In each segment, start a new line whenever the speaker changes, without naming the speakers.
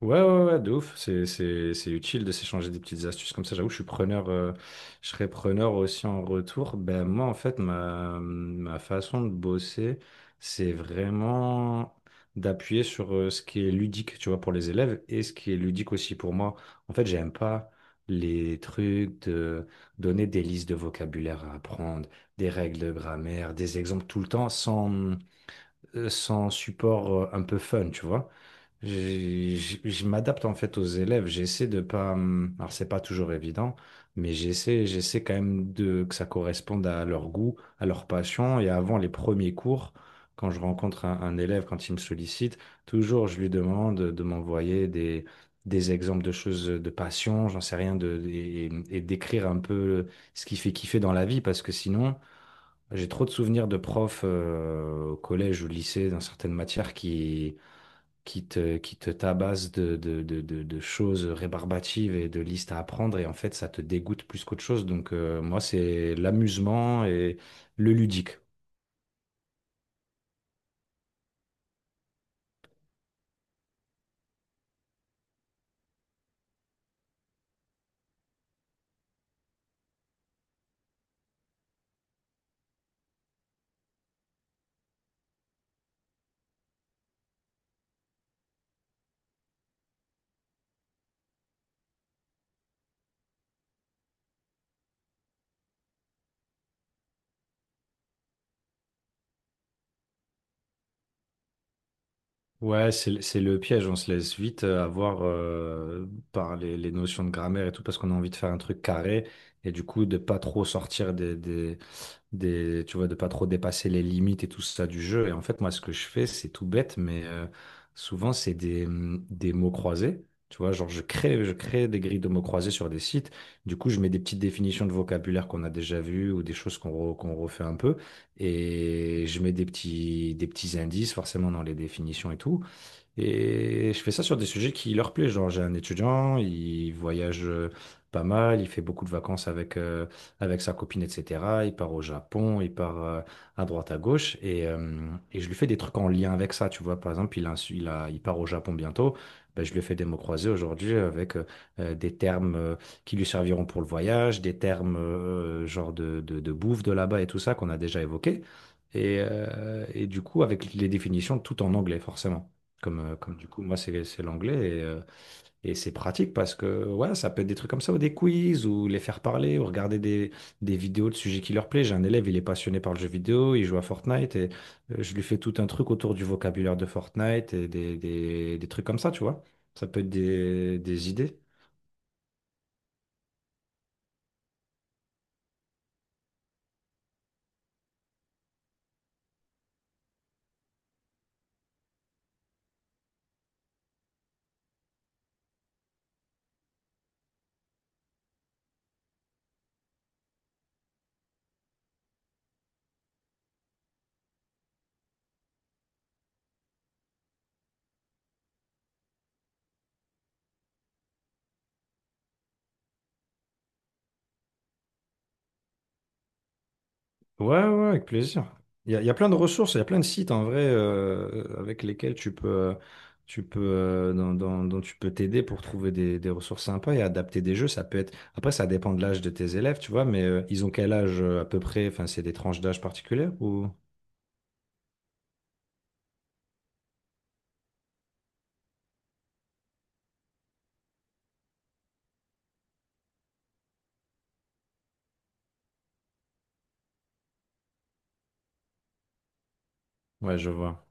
Ouais, ouais, ouais, de ouf. C'est utile de s'échanger des petites astuces comme ça. J'avoue, je suis preneur, je serais preneur aussi en retour. Ben, moi, en fait, ma façon de bosser, c'est vraiment d'appuyer sur ce qui est ludique, tu vois, pour les élèves et ce qui est ludique aussi pour moi. En fait, j'aime pas les trucs de donner des listes de vocabulaire à apprendre, des règles de grammaire, des exemples tout le temps sans support un peu fun, tu vois. Je m'adapte en fait aux élèves, j'essaie de pas. Alors c'est pas toujours évident, mais j'essaie quand même que ça corresponde à leur goût, à leur passion. Et avant les premiers cours, quand je rencontre un élève, quand il me sollicite, toujours je lui demande de m'envoyer des exemples de choses de passion, j'en sais rien, et d'écrire un peu ce qui fait kiffer dans la vie, parce que sinon. J'ai trop de souvenirs de profs au collège, au lycée, dans certaines matières qui te tabassent de choses rébarbatives et de listes à apprendre. Et en fait, ça te dégoûte plus qu'autre chose. Donc, moi, c'est l'amusement et le ludique. Ouais, c'est le piège, on se laisse vite avoir par les notions de grammaire et tout, parce qu'on a envie de faire un truc carré, et du coup de pas trop sortir tu vois, de pas trop dépasser les limites et tout ça du jeu. Et en fait, moi, ce que je fais, c'est tout bête, mais souvent, c'est des mots croisés. Tu vois, genre, je crée des grilles de mots croisés sur des sites. Du coup, je mets des petites définitions de vocabulaire qu'on a déjà vues ou des choses qu'on refait un peu. Et je mets des petits indices, forcément, dans les définitions et tout. Et je fais ça sur des sujets qui leur plaisent. Genre, j'ai un étudiant, il voyage pas mal, il fait beaucoup de vacances avec sa copine, etc. Il part au Japon, il part à droite, à gauche. Et je lui fais des trucs en lien avec ça. Tu vois, par exemple, il a, un su- il a- il part au Japon bientôt. Ben, je lui fais des mots croisés aujourd'hui avec des termes qui lui serviront pour le voyage, des termes genre de bouffe de là-bas et tout ça qu'on a déjà évoqué. Et du coup, avec les définitions, tout en anglais, forcément. Comme du coup, moi, c'est l'anglais et c'est pratique parce que ouais, ça peut être des trucs comme ça ou des quiz ou les faire parler ou regarder des vidéos de sujets qui leur plaisent. J'ai un élève, il est passionné par le jeu vidéo, il joue à Fortnite et je lui fais tout un truc autour du vocabulaire de Fortnite et des trucs comme ça, tu vois. Ça peut être des idées. Ouais, ouais, ouais, avec plaisir. Il y a plein de ressources, il y a plein de sites en vrai avec lesquels dont tu peux t'aider pour trouver des ressources sympas et adapter des jeux. Ça peut être. Après, ça dépend de l'âge de tes élèves, tu vois, mais ils ont quel âge à peu près? Enfin, c'est des tranches d'âge particulières ou? Ouais, je vois.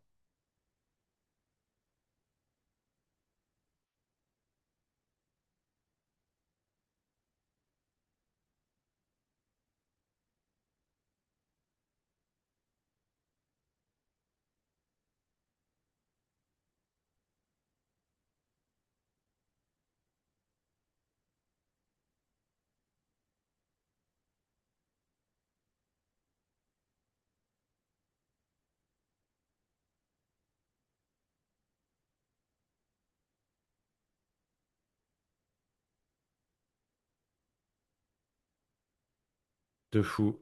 De fou.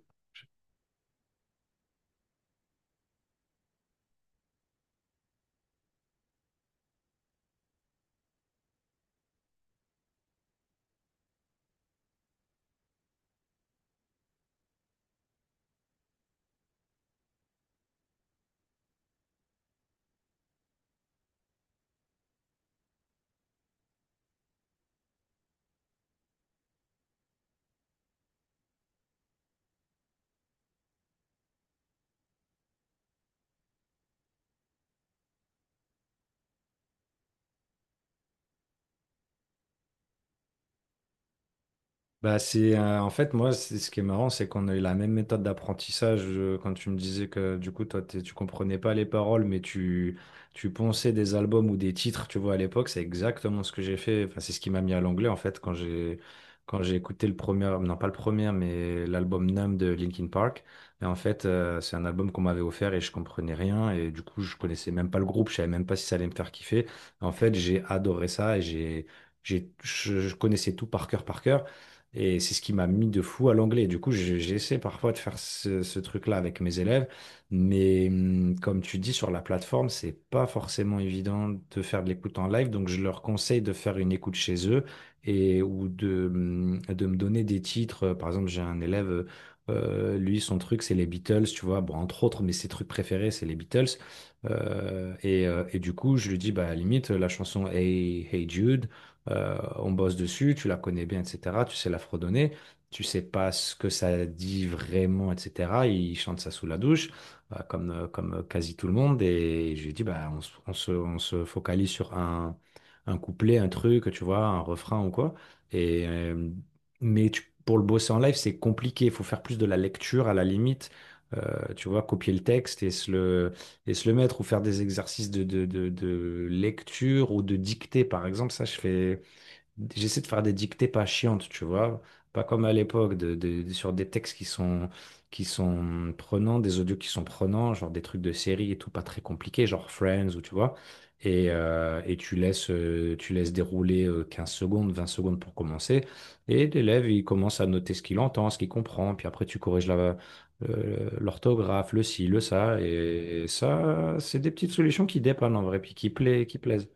Bah c'est en fait moi c'est ce qui est marrant, c'est qu'on a eu la même méthode d'apprentissage quand tu me disais que du coup tu comprenais pas les paroles mais tu ponçais des albums ou des titres tu vois à l'époque c'est exactement ce que j'ai fait, enfin c'est ce qui m'a mis à l'anglais en fait quand j'ai écouté le premier, non pas le premier mais l'album Numb de Linkin Park, et en fait c'est un album qu'on m'avait offert et je comprenais rien et du coup je connaissais même pas le groupe, je savais même pas si ça allait me faire kiffer, en fait j'ai adoré ça et j'ai je connaissais tout par cœur par cœur, et c'est ce qui m'a mis de fou à l'anglais. Du coup, j'essaie parfois de faire ce truc-là avec mes élèves, mais comme tu dis, sur la plateforme, c'est pas forcément évident de faire de l'écoute en live. Donc, je leur conseille de faire une écoute chez eux, et ou de me donner des titres. Par exemple, j'ai un élève, lui, son truc, c'est les Beatles, tu vois. Bon, entre autres, mais ses trucs préférés, c'est les Beatles. Et du coup, je lui dis, bah, à la limite, la chanson Hey, Hey Jude. On bosse dessus, tu la connais bien, etc. Tu sais la fredonner, tu sais pas ce que ça dit vraiment, etc. Il chante ça sous la douche, comme quasi tout le monde. Et je lui dis, bah, on se focalise sur un couplet, un truc, tu vois, un refrain ou quoi. Et, euh, mais pour le bosser en live, c'est compliqué. Il faut faire plus de la lecture à la limite. Tu vois, copier le texte et se le mettre ou faire des exercices de lecture ou de dictée, par exemple. Ça, je fais j'essaie de faire des dictées pas chiantes, tu vois. Pas comme à l'époque, sur des textes qui sont prenants, des audios qui sont prenants, genre des trucs de série et tout, pas très compliqués, genre Friends ou tu vois. Et tu laisses dérouler 15 secondes, 20 secondes pour commencer. Et l'élève, il commence à noter ce qu'il entend, ce qu'il comprend. Puis après, tu corriges l'orthographe, le ci, le ça. Et ça, c'est des petites solutions qui dépannent en vrai, puis qui plaît, qui plaisent.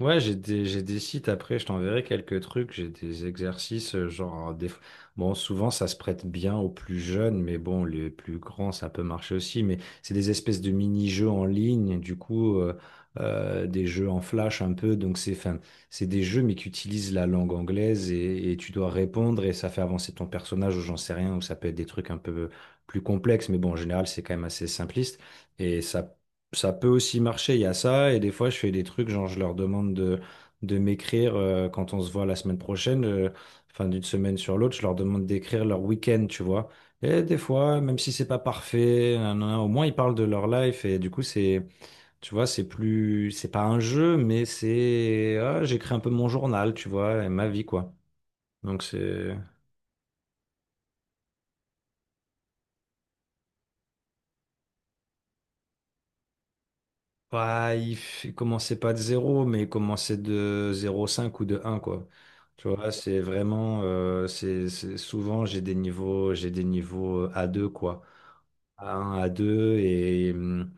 Ouais, j'ai des sites, après, je t'enverrai quelques trucs, j'ai des exercices, genre, hein, bon, souvent ça se prête bien aux plus jeunes, mais bon, les plus grands, ça peut marcher aussi, mais c'est des espèces de mini-jeux en ligne, du coup, des jeux en flash un peu, donc c'est, enfin, c'est des jeux, mais qui utilisent la langue anglaise, et tu dois répondre et ça fait avancer ton personnage ou j'en sais rien, ou ça peut être des trucs un peu plus complexes, mais bon, en général, c'est quand même assez simpliste et ça peut aussi marcher, il y a ça. Et des fois, je fais des trucs, genre, je leur demande de m'écrire quand on se voit la semaine prochaine, enfin, d'une semaine sur l'autre, je leur demande d'écrire leur week-end, tu vois. Et des fois, même si c'est pas parfait, nanana, au moins ils parlent de leur life. Et du coup, c'est, tu vois, c'est plus, c'est pas un jeu, mais c'est, ah, j'écris un peu mon journal, tu vois, et ma vie, quoi. Donc, c'est. Ouais, il commençait pas de zéro, mais il commençait de zéro virgule cinq ou de un quoi. Tu vois, c'est vraiment, souvent j'ai des niveaux a deux quoi. A1, A2, et, mm,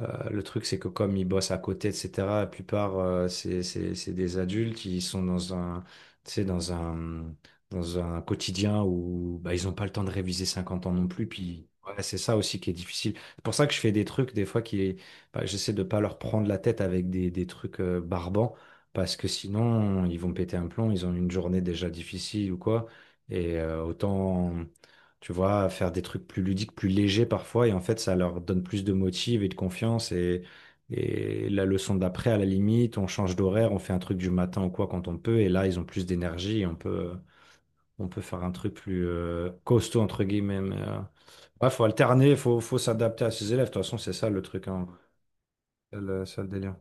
euh, le truc, c'est que comme ils bossent à côté, etc., la plupart, c'est des adultes qui sont dans un, tu sais, dans un quotidien où bah, ils n'ont pas le temps de réviser cinquante ans non plus. Puis ouais, c'est ça aussi qui est difficile. C'est pour ça que je fais des trucs, des fois, bah, j'essaie de pas leur prendre la tête avec des trucs barbants, parce que sinon, ils vont péter un plomb, ils ont une journée déjà difficile ou quoi. Autant tu vois, faire des trucs plus ludiques, plus légers parfois, et en fait, ça leur donne plus de motive et de confiance, et la leçon d'après, à la limite, on change d'horaire, on fait un truc du matin ou quoi quand on peut, et là, ils ont plus d'énergie, et on peut faire un truc plus costaud, entre guillemets, Ouais, faut alterner, faut s'adapter à ses élèves. De toute façon, c'est ça le truc, hein. C'est le délire.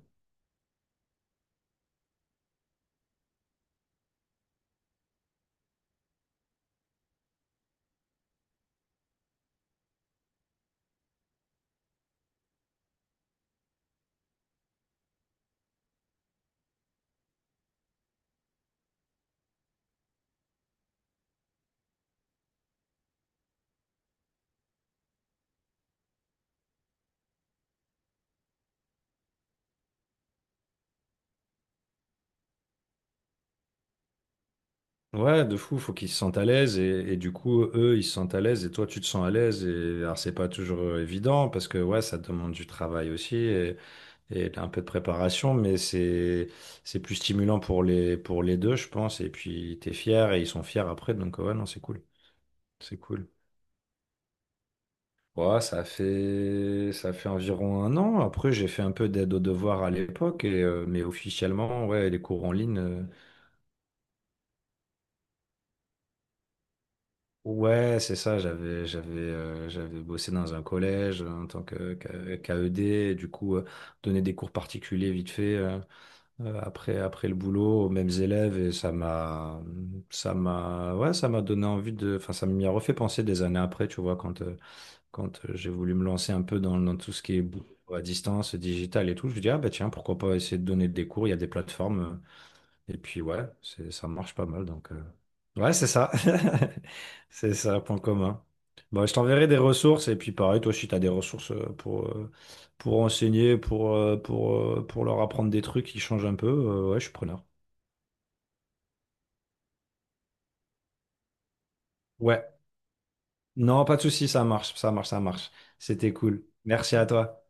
Ouais, de fou, faut qu'ils se sentent à l'aise et du coup, eux, ils se sentent à l'aise et toi, tu te sens à l'aise. Et alors, c'est pas toujours évident parce que ouais, ça demande du travail aussi, et un peu de préparation, mais c'est plus stimulant pour les deux, je pense. Et puis t'es fier et ils sont fiers après, donc ouais, non, c'est cool, c'est cool. Ouais, ça fait environ un an. Après, j'ai fait un peu d'aide aux devoirs à l'époque, mais officiellement, ouais, les cours en ligne. Ouais, c'est ça. J'avais bossé dans un collège en tant qu'AED, et du coup, donner des cours particuliers vite fait. Après, après le boulot aux mêmes élèves, et ouais, ça m'a donné envie de, enfin, ça m'y a refait penser des années après, tu vois, quand j'ai voulu me lancer un peu dans, dans tout ce qui est boulot à distance, digital et tout, je me dis, ah bah tiens, pourquoi pas essayer de donner des cours, il y a des plateformes. Et puis ouais, c'est, ça marche pas mal. Donc, ouais, c'est ça. C'est ça, point commun. Bon, je t'enverrai des ressources. Et puis pareil, toi aussi, tu as des ressources pour enseigner, pour leur apprendre des trucs qui changent un peu. Ouais, je suis preneur. Ouais. Non, pas de souci, ça marche, ça marche, ça marche. C'était cool. Merci à toi.